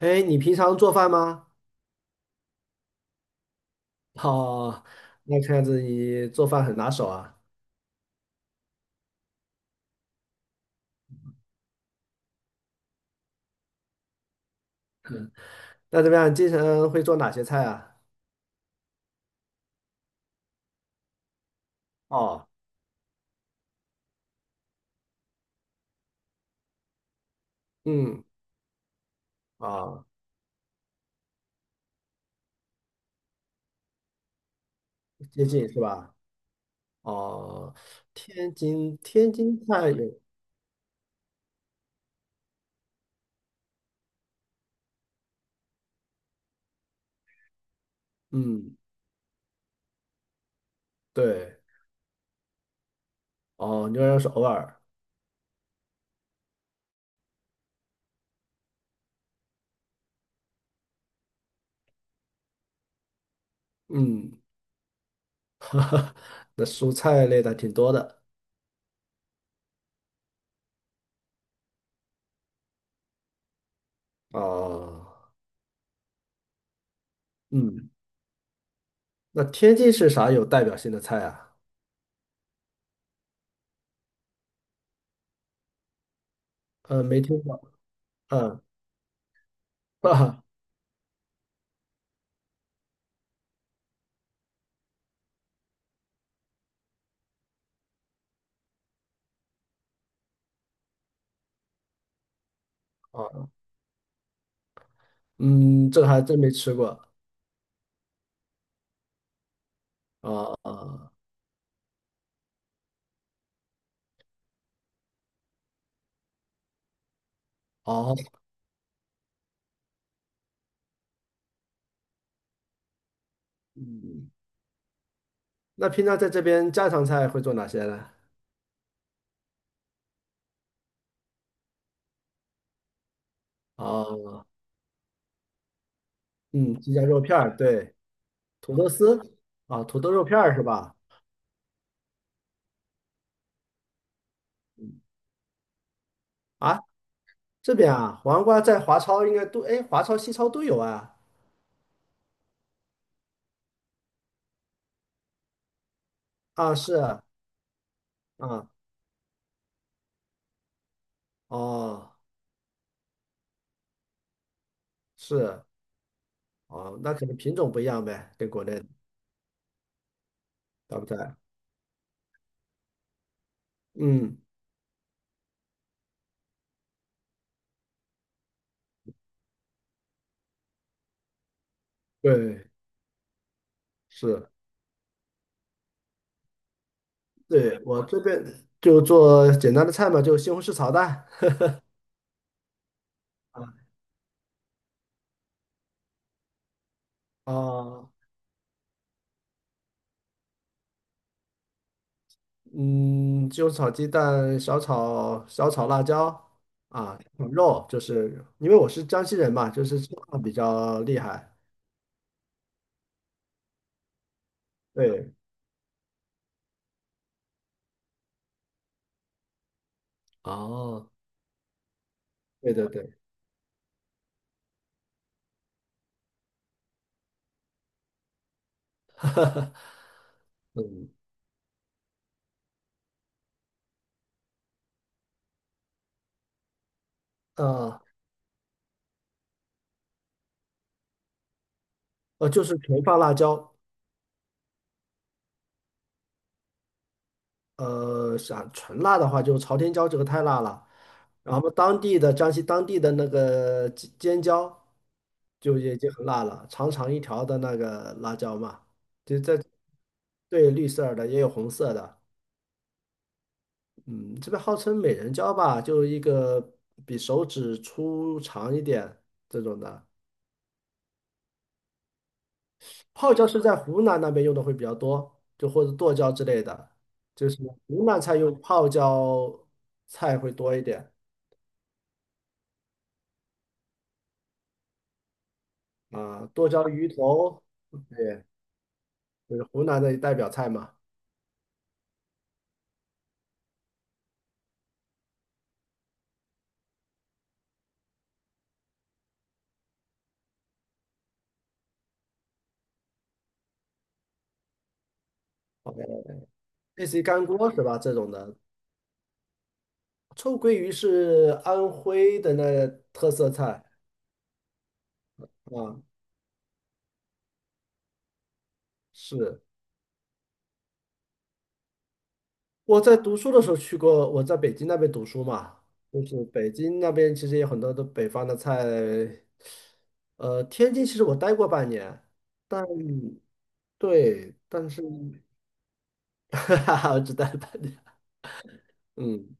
哎，你平常做饭吗？好。那看样子你做饭很拿手啊。那怎么样？经常会做哪些菜啊？哦。嗯。啊，接近是吧？哦，天津天津菜有，嗯，对。哦，牛肉是偶尔，嗯。那蔬菜类的挺多的。哦。嗯。那天津是啥有代表性的菜啊？呃，没听过。嗯。啊。嗯，这个还真没吃过。啊啊哦。哦嗯。那平常在这边家常菜会做哪些呢？哦。嗯，鸡架肉片儿，对。土豆丝。啊，土豆肉片儿是吧？啊，这边啊，黄瓜在华超应该都，哎，华超、西超都有啊。啊，是啊。啊哦。是。哦，那可能品种不一样呗，跟国内的对不对？嗯。对。是。对，我这边就做简单的菜嘛，就西红柿炒蛋。啊。哦嗯，就炒鸡蛋，小炒辣椒啊，炒肉，就是因为我是江西人嘛，就是吃辣比较厉害。对。哦，对对对。嗯。呃就是纯放辣椒。呃，想纯辣的话，就朝天椒这个太辣了，然后当地的江西当地的那个尖尖椒就已经很辣了，长长一条的那个辣椒嘛，就在对绿色儿的也有红色的。嗯，这边号称美人蕉吧，就是一个比手指粗长一点这种的。泡椒是在湖南那边用的会比较多，就或者剁椒之类的，就是湖南菜用泡椒菜会多一点啊，剁椒鱼头。对，就是湖南的代表菜嘛。OK，类似于干锅是吧？这种的，臭鳜鱼是安徽的那特色菜啊。是。我在读书的时候去过，我在北京那边读书嘛，就是北京那边其实有很多的北方的菜，呃，天津其实我待过半年，但对，但是 哈哈。我只待了半年。嗯，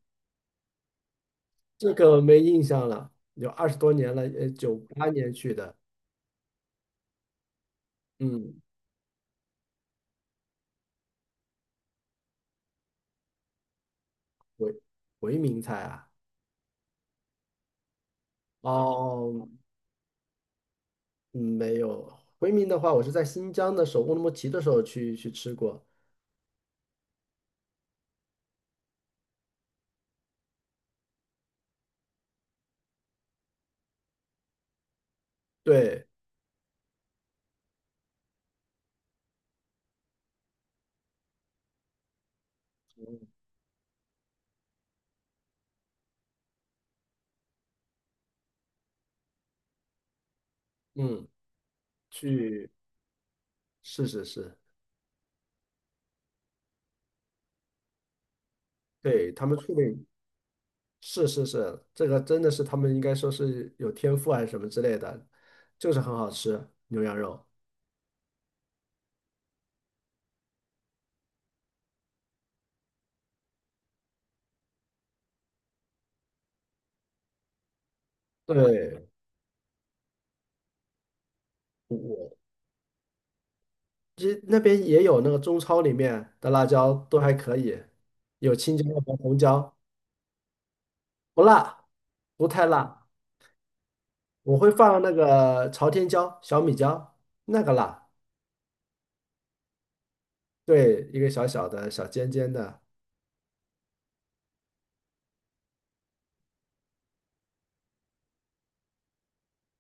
这个没印象了，有20多年了，呃，98年去的。嗯。回回民菜啊。哦。嗯没有，回民的话，我是在新疆的首乌鲁木齐的时候去吃过。对。嗯。去是是是。对，他们处理，是是是，这个真的是他们应该说是有天赋还是什么之类的，就是很好吃牛羊肉。对，我其实那边也有那个中超里面的辣椒都还可以，有青椒和红椒。不辣，不太辣。我会放那个朝天椒、小米椒，那个辣。对，一个小小的小尖尖的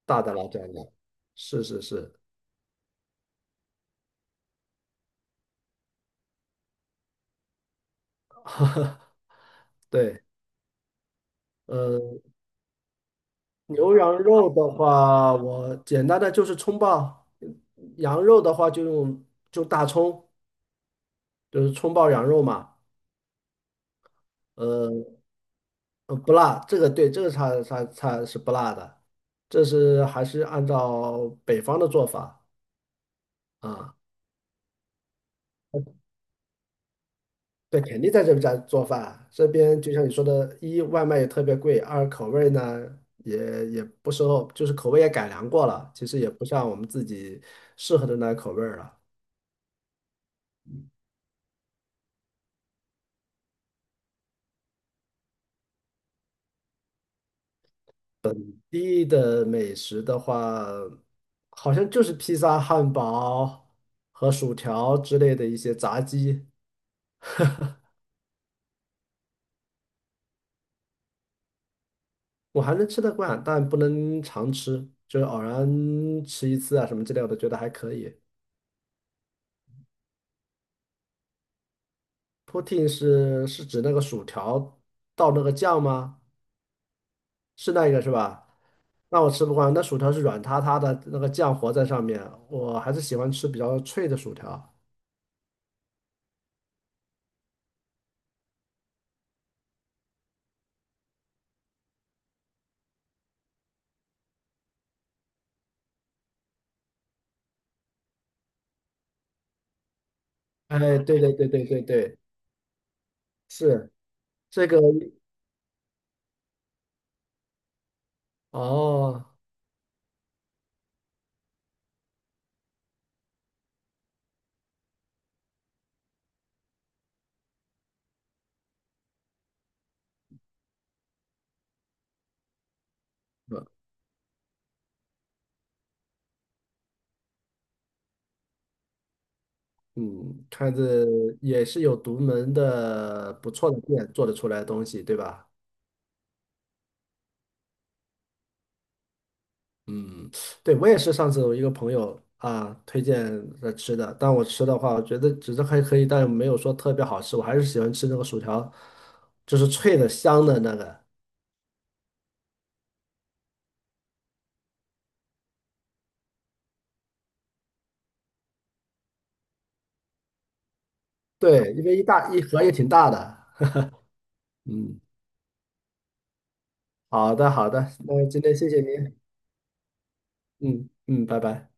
大的辣椒的，是是是。对。呃牛羊肉的话，我简单的就是葱爆；羊肉的话，就用就大葱，就是葱爆羊肉嘛。呃，不辣，这个对，这个菜是不辣的，这是还是按照北方的做法啊。对，肯定在这边在做饭。这边就像你说的，一外卖也特别贵，二口味呢也不是，就是口味也改良过了，其实也不像我们自己适合的那口味儿了。地的美食的话，好像就是披萨、汉堡和薯条之类的一些炸鸡。我还能吃得惯，但不能常吃，就是偶然吃一次啊什么之类的，我觉得还可以。Poutine 是指那个薯条倒那个酱吗？是那个是吧？那我吃不惯，那薯条是软塌塌的，那个酱活在上面，我还是喜欢吃比较脆的薯条。哎，对对对对对对，是这个哦。嗯，看着也是有独门的不错的店做得出来的东西，对吧？嗯，对，我也是上次我一个朋友啊推荐的吃的，但我吃的话，我觉得只是还可以，但没有说特别好吃，我还是喜欢吃那个薯条，就是脆的香的那个。对，因为一大一盒也挺大的。嗯，好的好的。那今天谢谢您。嗯嗯，拜拜。